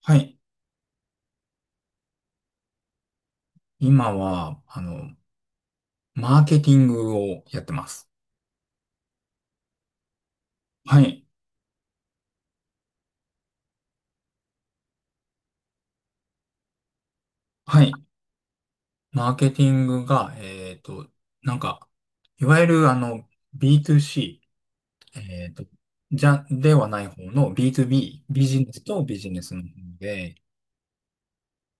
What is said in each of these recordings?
はい。今は、マーケティングをやってます。はい。はい。マーケティングが、なんか、いわゆる、B2C、えっと、ではない方の B2B、ビジネスとビジネスの方で、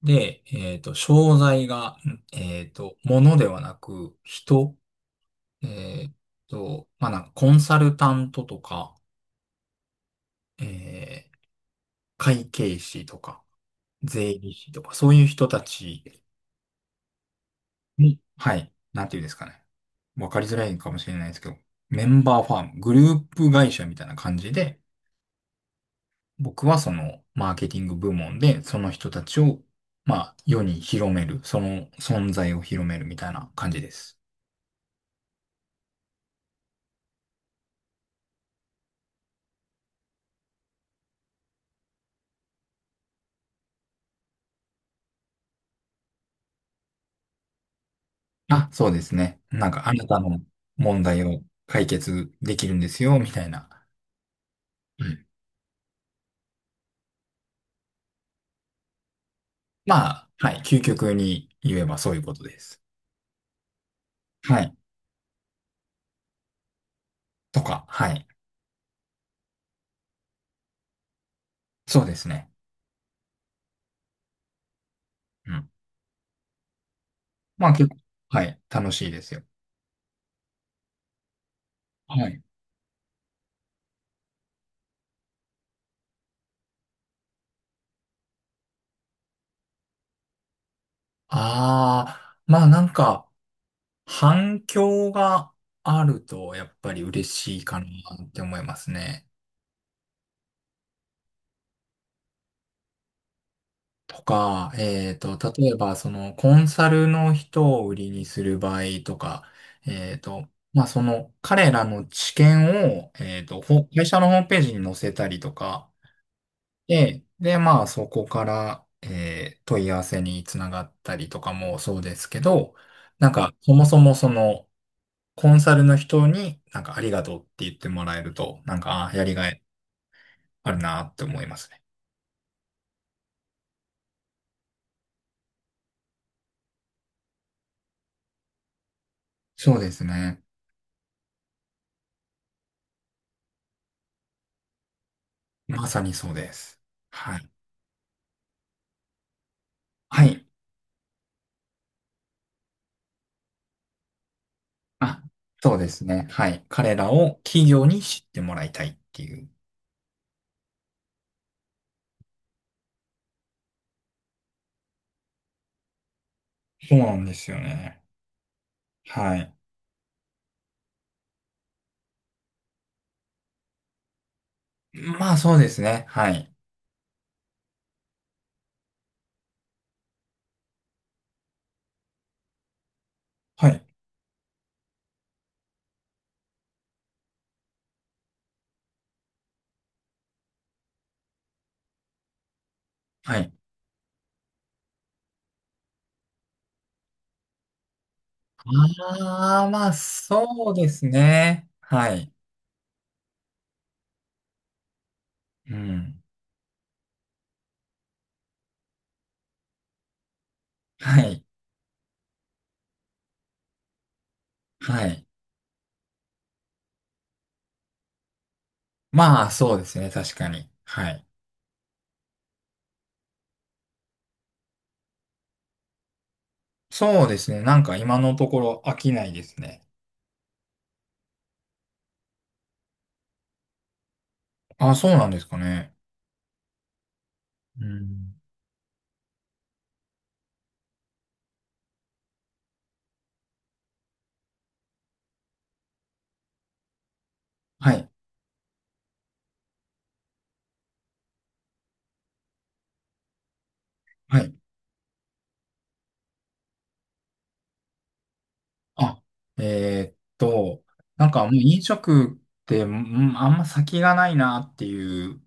で、商材が、物ではなく、人、えっまあ、なんか、コンサルタントとか、えー会計士とか、税理士とか、そういう人たちに、はい、なんていうんですかね。わかりづらいかもしれないですけど、メンバーファーム、グループ会社みたいな感じで、僕はそのマーケティング部門で、その人たちを、まあ、世に広める、その存在を広めるみたいな感じです。あ、そうですね。なんか、あなたの問題を解決できるんですよ、みたいな。うん。まあ、はい、究極に言えばそういうことです。はい。とか、はい。そうですね。うん。まあ結構、はい、楽しいですよ。はい。ああ、まあなんか、反響があると、やっぱり嬉しいかなって思いますね。とか、例えば、その、コンサルの人を売りにする場合とか、えっと、まあその、彼らの知見を、会社のホームページに載せたりとか、で、まあ、そこから、問い合わせにつながったりとかもそうですけど、なんか、そもそもその、コンサルの人になんかありがとうって言ってもらえると、なんか、あ、やりがいあるなって思いますね。そうですね。まさにそうです。はい。はい。あ、そうですね。はい。彼らを企業に知ってもらいたいっていう。そうなんですよね。はい。まあ、そうですね。はい。はい。はい。ああ、まあ、そうですね。はい。うん。はい。はい。まあ、そうですね。確かに。はい。そうですね。なんか今のところ飽きないですね。あ、そうなんですかね。うん。はい。はい。あ、えーっと、なんかもう飲食って、うん、あんま先がないなっていう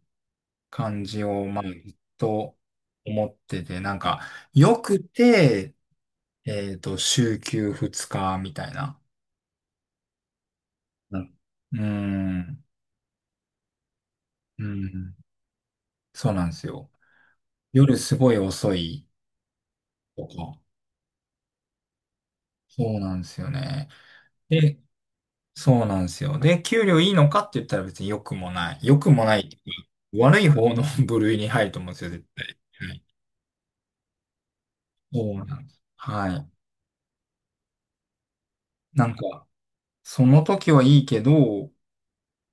感じを、まあ、ずっと思ってて、なんか、よくて、週休2日みたいな。なるうーん。うん。そうなんですよ。夜すごい遅いとか。そうなんですよね。で、そうなんですよ。で、給料いいのかって言ったら別に良くもない。良くもないっていうか悪い方の 部類に入ると思うんですよ、絶対。はい。そうなんです。はい。なんか、その時はいいけど、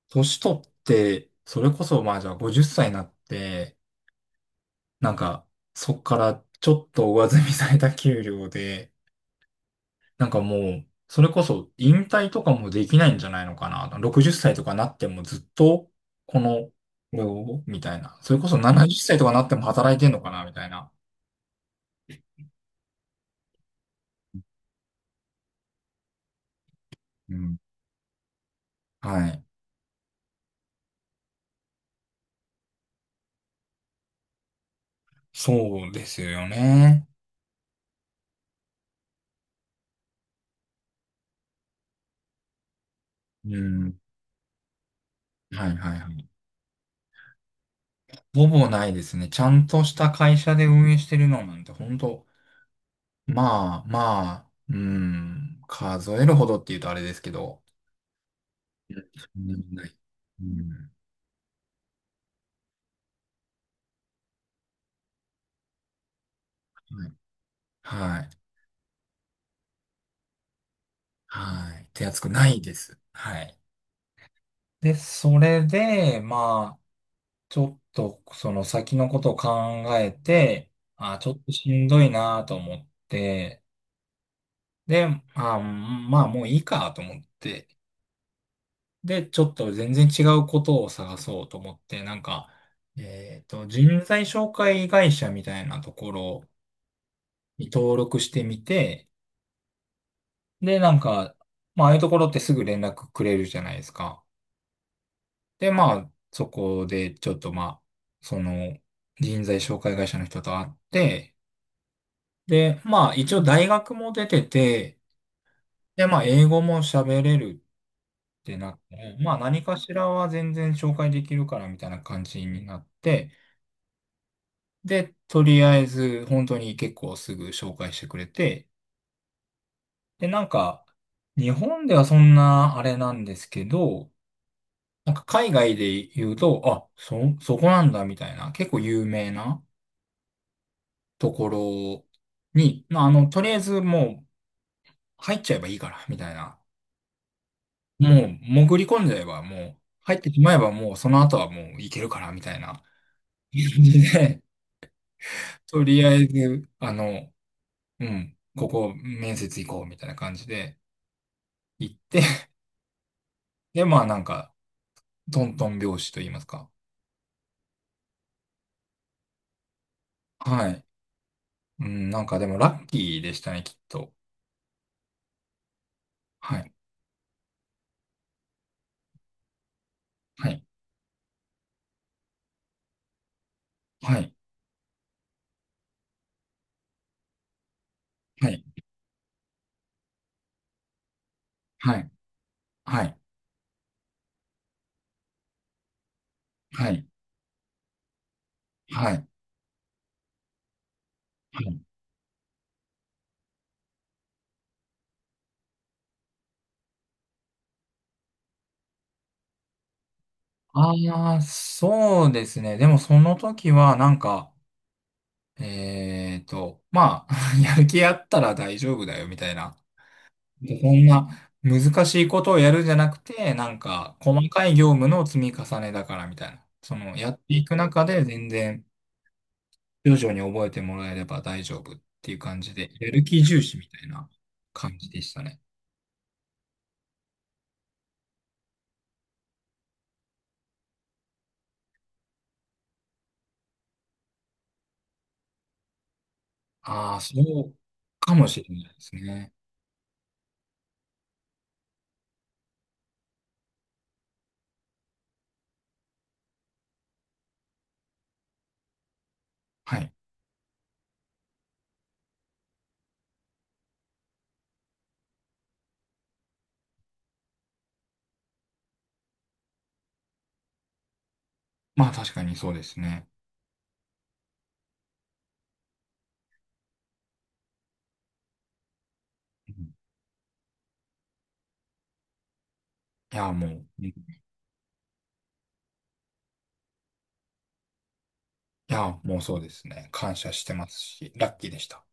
年取って、それこそまあじゃあ50歳になって、なんか、そっからちょっと上積みされた給料で、なんかもう、それこそ引退とかもできないんじゃないのかな。60歳とかなってもずっと、これを、みたいな。それこそ。うん。70歳とかなっても働いてんのかな、みたいな。うん。はい。そうですよね。うん。はいはいはい。ほぼないですね。ちゃんとした会社で運営してるのなんて、ほんと、まあまあ、うん、数えるほどって言うとあれですけど、そんなにない。うん。はい。はい。はい、手厚くないです。はい。で、それで、まあ、ちょっと、その先のことを考えて、あ、ちょっとしんどいなと思って、で、あ、まあ、もういいかと思って、で、ちょっと全然違うことを探そうと思って、なんか、人材紹介会社みたいなところに登録してみて、で、なんか、まあ、ああいうところってすぐ連絡くれるじゃないですか。で、まあ、そこでちょっとまあ、その人材紹介会社の人と会って、で、まあ一応大学も出てて、で、まあ英語も喋れるってなって、まあ何かしらは全然紹介できるからみたいな感じになって、で、とりあえず本当に結構すぐ紹介してくれて、で、なんか日本ではそんなあれなんですけど、なんか海外で言うと、あ、そこなんだみたいな、結構有名な、ところに、まあ、とりあえずもう入っちゃえばいいから、みたいな。もう潜り込んじゃえば、もう入ってしまえばもうその後はもういけるから、みたいな感じで、とりあえず、うん、ここ面接行こう、みたいな感じで行って、で、まあなんか、トントン拍子と言いますか。はい。うん、なんかでもラッキーでしたね、きっと。はい。はい。はい。はい。はい。はい。はい。はい。はい。ああ、そうですね。でもその時はなんか、まあ、やる気あったら大丈夫だよみたいな。でそんな難しいことをやるんじゃなくて、なんか細かい業務の積み重ねだからみたいな。そのやっていく中で全然徐々に覚えてもらえれば大丈夫っていう感じで、やる気重視みたいな感じでしたね。ああ、そうかもしれないですね。はい。まあ確かにそうですね。うん。いや、もう。いや、もうそうですね。感謝してますし、ラッキーでした。